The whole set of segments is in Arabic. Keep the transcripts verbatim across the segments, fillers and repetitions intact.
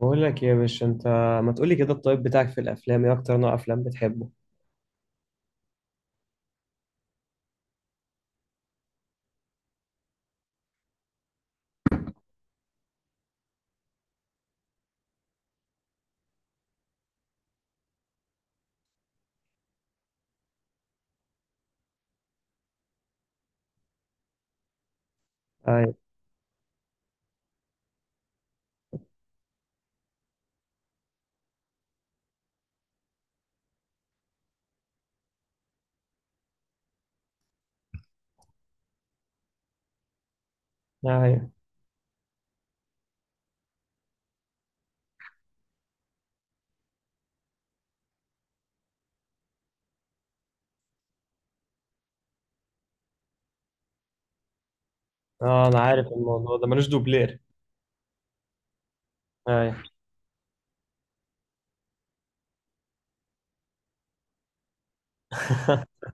بقول لك إيه يا باشا انت، ما تقولي كده، الطيب بتاعك في الافلام، ايه اكتر نوع افلام بتحبه؟ ايوه، ايوه. اه، انا عارف الموضوع ده ملوش دوبلير. ايوه.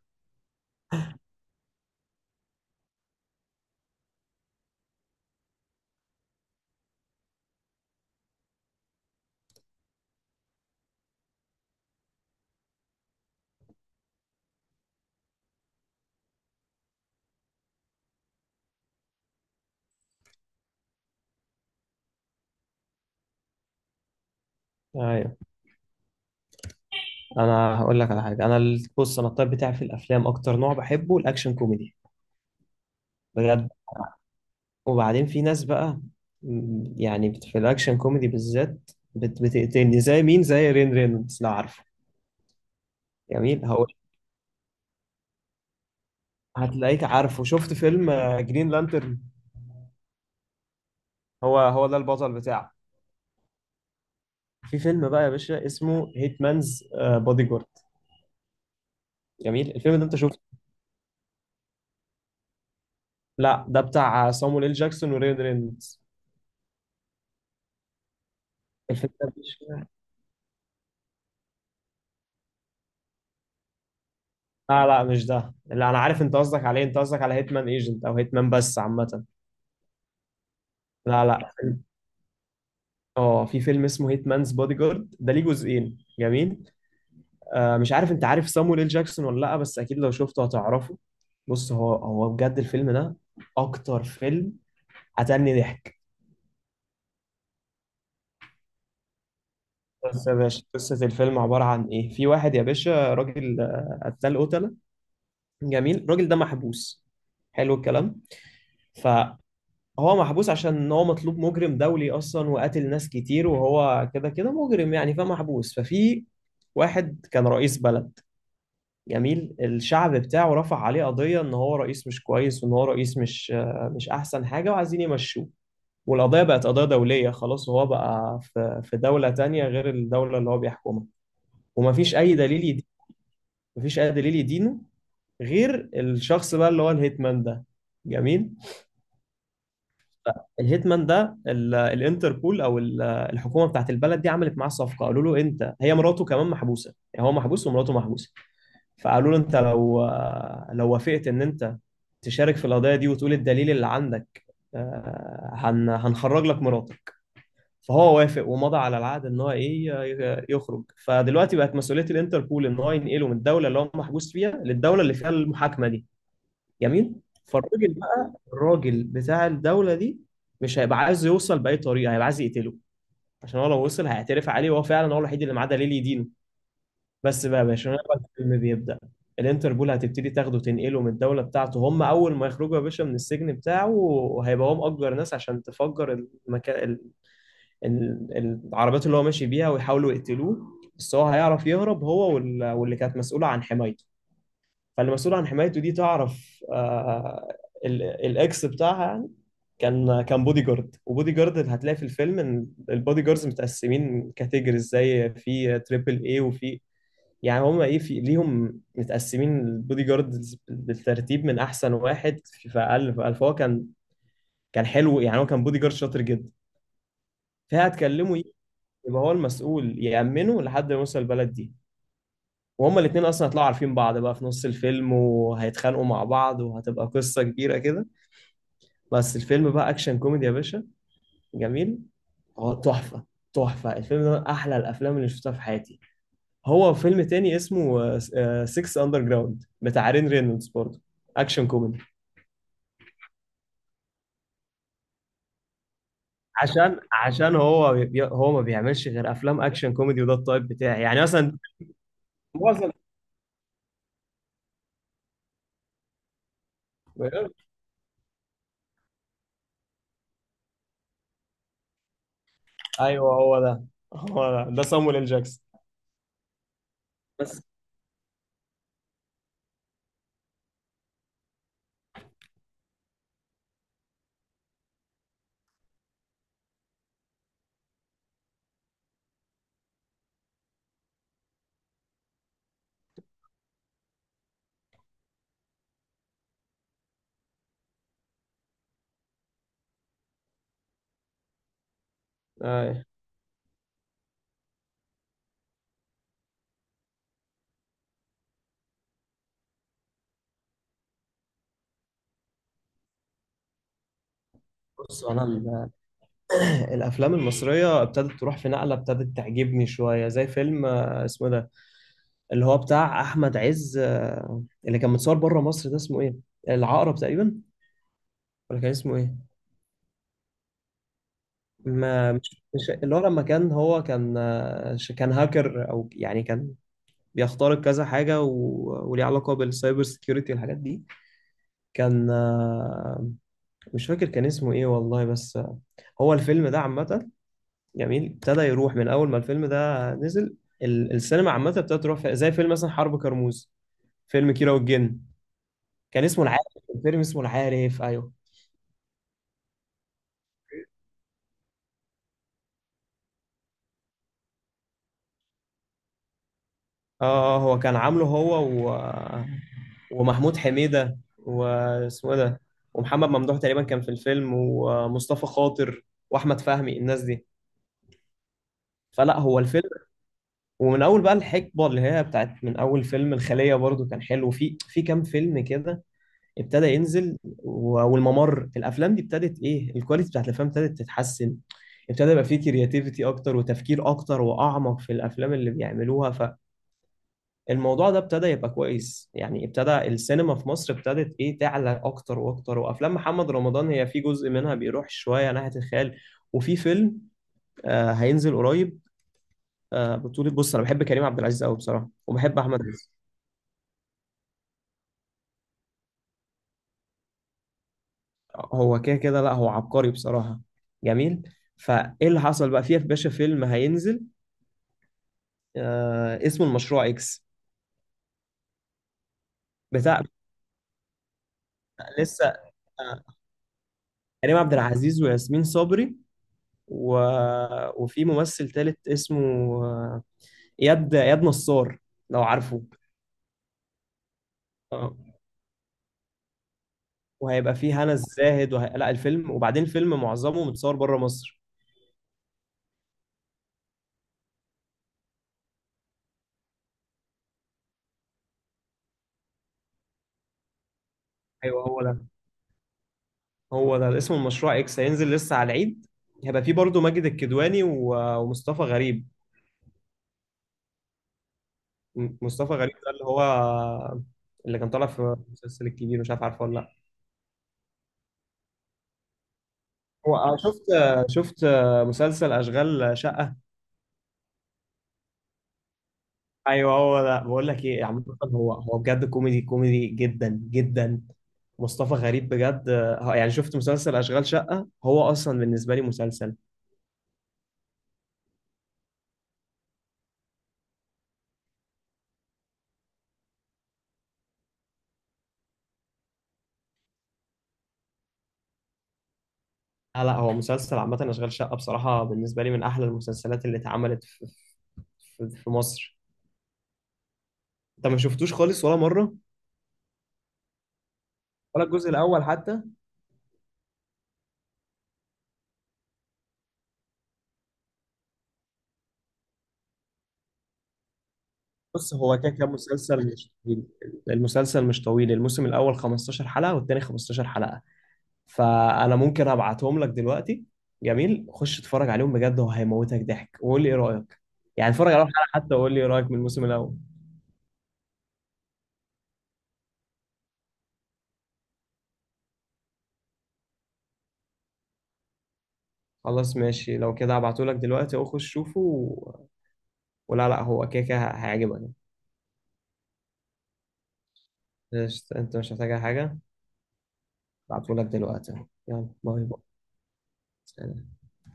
ايوه، انا هقول لك على حاجه. انا ال- بص، انا الطيب بتاعي في الافلام اكتر نوع بحبه الاكشن كوميدي. بجد. وبعدين في ناس بقى، م، يعني بت- في الاكشن كوميدي بالذات بت- بتقتلني زي مين، زي رين رينولدز، لو عارفه. جميل، هقول هتلاقيك عارفه. شفت فيلم آه، جرين لانترن؟ هو هو ده البطل بتاعه. في فيلم بقى يا باشا اسمه هيت مانز بودي جارد. جميل الفيلم ده، انت شفته؟ لا، ده بتاع صامويل إل جاكسون وريان رينولدز. الفيلم ده مش... لا، لا، مش ده. لا، انا عارف انت قصدك عليه، انت قصدك على هيتمان ايجنت او هيتمان بس عامه. لا، لا، فيلم- اه، في فيلم اسمه هيتمانز بودي جارد ده ليه جزئين، جميل. آه مش عارف انت عارف صامويل إل جاكسون ولا لا، بس اكيد لو شفته هتعرفه. بص، هو هو بجد الفيلم ده اكتر فيلم قتلني ضحك. بس يا باشا قصة الفيلم عبارة عن إيه؟ في واحد يا باشا راجل، آه، قتال قتلة. جميل، الراجل ده محبوس. حلو الكلام. فهو محبوس عشان هو مطلوب، مجرم دولي أصلا وقتل ناس كتير، وهو كده كده مجرم يعني، فمحبوس. ففي واحد كان رئيس بلد. جميل. الشعب بتاعه رفع عليه قضية إن هو رئيس مش كويس، وإن هو رئيس مش آه، مش أحسن حاجة، وعايزين يمشوه. والقضية بقت قضية دولية خلاص، وهو بقى في في دولة تانية غير الدولة اللي هو بيحكمها. ومفيش أي دليل، مفيش اي دليل يدينه غير الشخص بقى اللي هو الهيتمان ده. جميل. الهيتمان ده، ال- الانتربول او ال- الحكومه بتاعت البلد دي عملت معاه صفقه. قالوا له انت، هي مراته كمان محبوسه، يعني هو محبوس ومراته محبوسه. فقالوا له انت لو، لو وافقت ان انت تشارك في القضيه دي وتقول الدليل اللي عندك، آه، هن هنخرج لك مراتك. فهو وافق ومضى على العقد ان هو ايه، ي- يخرج. فدلوقتي بقت مسؤوليه الانتربول ان هو ينقله من الدوله اللي هو محبوس فيها للدوله اللي فيها المحاكمه دي. جميل. فالراجل بقى، الراجل بتاع الدولة دي، مش هيبقى عايز يوصل بأي طريقة، هيبقى عايز يقتله. عشان هو لو وصل هيعترف عليه، وهو فعلا هو الوحيد اللي معاه دليل يدينه. بس بقى يا باشا، هنا بقى الفيلم بيبدأ. الانتربول هتبتدي تاخده، تنقله من الدولة بتاعته. هم أول ما يخرجوا يا باشا من السجن بتاعه، وهيبقى هو مأجر ناس عشان تفجر المكان، العربيات اللي هو ماشي بيها، ويحاولوا يقتلوه. بس هو هيعرف يهرب هو وال- واللي كانت مسؤولة عن حمايته. فالمسؤول عن حمايته دي تعرف، آه، ال- الاكس بتاعها يعني كان، كان بودي جارد. وبودي جارد هتلاقي في الفيلم ان البودي جاردز متقسمين كاتيجوريز، زي في تريبل اي وفي... يعني هم ايه، في ليهم متقسمين البودي جاردز بالترتيب من احسن واحد في في اقل في اقل. فهو كان، كان حلو يعني، هو كان بودي جارد شاطر جدا. فهتكلمه إيه؟ يبقى هو المسؤول يأمنه لحد ما يوصل البلد دي. وهما الاتنين اصلا هيطلعوا عارفين بعض بقى في نص الفيلم، وهيتخانقوا مع بعض، وهتبقى قصة كبيرة كده. بس الفيلم بقى اكشن كوميدي يا باشا. جميل، هو تحفه. تحفه الفيلم ده، من احلى الافلام اللي شفتها في حياتي. هو فيلم تاني اسمه ستة اندر جراوند بتاع رين رينولدز برضه، اكشن كوميدي. عشان عشان هو بي... هو ما بيعملش غير افلام اكشن كوميدي، وده التايب بتاعي يعني، مثلا معظم... ايوه، هو ده. هو ده, ده سامويل ال جاكسون. بس. أيوة. بص انا ال- الافلام المصريه ابتدت تروح في نقله، ابتدت تعجبني شويه، زي فيلم، آه، اسمه ده اللي هو بتاع احمد عز، آه، اللي كان متصور بره مصر، ده اسمه ايه؟ العقرب تقريبا، ولا كان اسمه ايه؟ ما مش, مش اللي هو لما كان، هو كان آه، ش- كان هاكر، او يعني كان بيخترق كذا حاجه و... وليه علاقه بالسايبر سيكيورتي والحاجات دي. كان آه، مش فاكر كان اسمه ايه والله، بس آه، هو الفيلم ده عامه جميل، ابتدى يروح. من اول ما الفيلم ده نزل، ال- السينما عامه ابتدت تروح في- زي فيلم مثلا حرب كرموز، فيلم كيرة والجن. كان اسمه العارف. الفيلم اسمه العارف، ايوه. اه، هو كان عامله هو و... ومحمود حميدة واسمه إيه ده، ومحمد ممدوح تقريبا كان في الفيلم، ومصطفى خاطر واحمد فهمي، الناس دي. فلا، هو الفيلم. ومن اول بقى الحقبه اللي هي بتاعت من اول فيلم الخليه برضو، كان حلو في في كام فيلم كده ابتدى ينزل، و- والممر، الافلام دي ابتدت ايه، الكواليتي بتاعت الافلام ابتدت تتحسن. ابتدى يبقى في كرياتيفيتي اكتر، وتفكير اكتر واعمق في الافلام اللي بيعملوها. الموضوع ده ابتدى يبقى كويس يعني، ابتدى السينما في مصر ابتدت ايه، تعلى اكتر واكتر. وافلام محمد رمضان هي في جزء منها بيروح شويه ناحيه الخيال. وفي فيلم آه هينزل قريب، آه بطولة... بص انا بحب كريم عبد العزيز قوي بصراحه، وبحب احمد عز. هو كده كده. لا، هو عبقري بصراحه. جميل. فايه اللي حصل بقى فيه، يا باشا فيلم هينزل آه اسمه المشروع اكس. بتاع... لسه... آه كريم عبد العزيز وياسمين صبري و... وفي ممثل تالت اسمه، آه، اياد اياد نصار، لو عارفه. اه، وهيبقى فيه هنا الزاهد وه... لا، الفيلم، وبعدين الفيلم معظمه متصور بره مصر. ايوه، هو ده. هو ده اسمه المشروع اكس، هينزل لسه على العيد. هيبقى فيه برضه ماجد الكدواني و... ومصطفى غريب. م- مصطفى غريب ده اللي هو اللي كان طالع في المسلسل الكبير، مش عارف عارفه ولا لا. هو، آه، شفت آه، شفت آه، مسلسل اشغال شقة؟ ايوه، هو ده. بقول لك ايه عامه، هو هو بجد كوميدي كوميدي جدا جدا. مصطفى غريب بجد. آه، يعني شفت مسلسل اشغال شقه، هو اصلا بالنسبه لي مسلسل... لا، لا، هو مسلسل عامه اشغال شقه، بصراحه بالنسبه لي من احلى المسلسلات اللي اتعملت في, في, في مصر. انت ما شفتوش خالص ولا مره؟ ولا الجزء الاول حتى؟ بص، هو كده كده مسلسل مش طويل. المسلسل مش طويل، الموسم الاول خمسة عشر حلقه والتاني خمسة عشر حلقه. فانا ممكن ابعتهم لك دلوقتي. جميل، خش اتفرج عليهم بجد، هو هيموتك ضحك. وقول لي ايه رايك. يعني اتفرج عليهم حلقه حتى، وقول لي ايه رايك من الموسم الاول. خلاص ماشي، لو كده هبعته لك دلوقتي اهو، خش شوفه و... ولا، لا، هو كده كده هيعجبك. قشطة، انت مش محتاج أي حاجه. هبعته لك دلوقتي، يلا باي باي. سلام.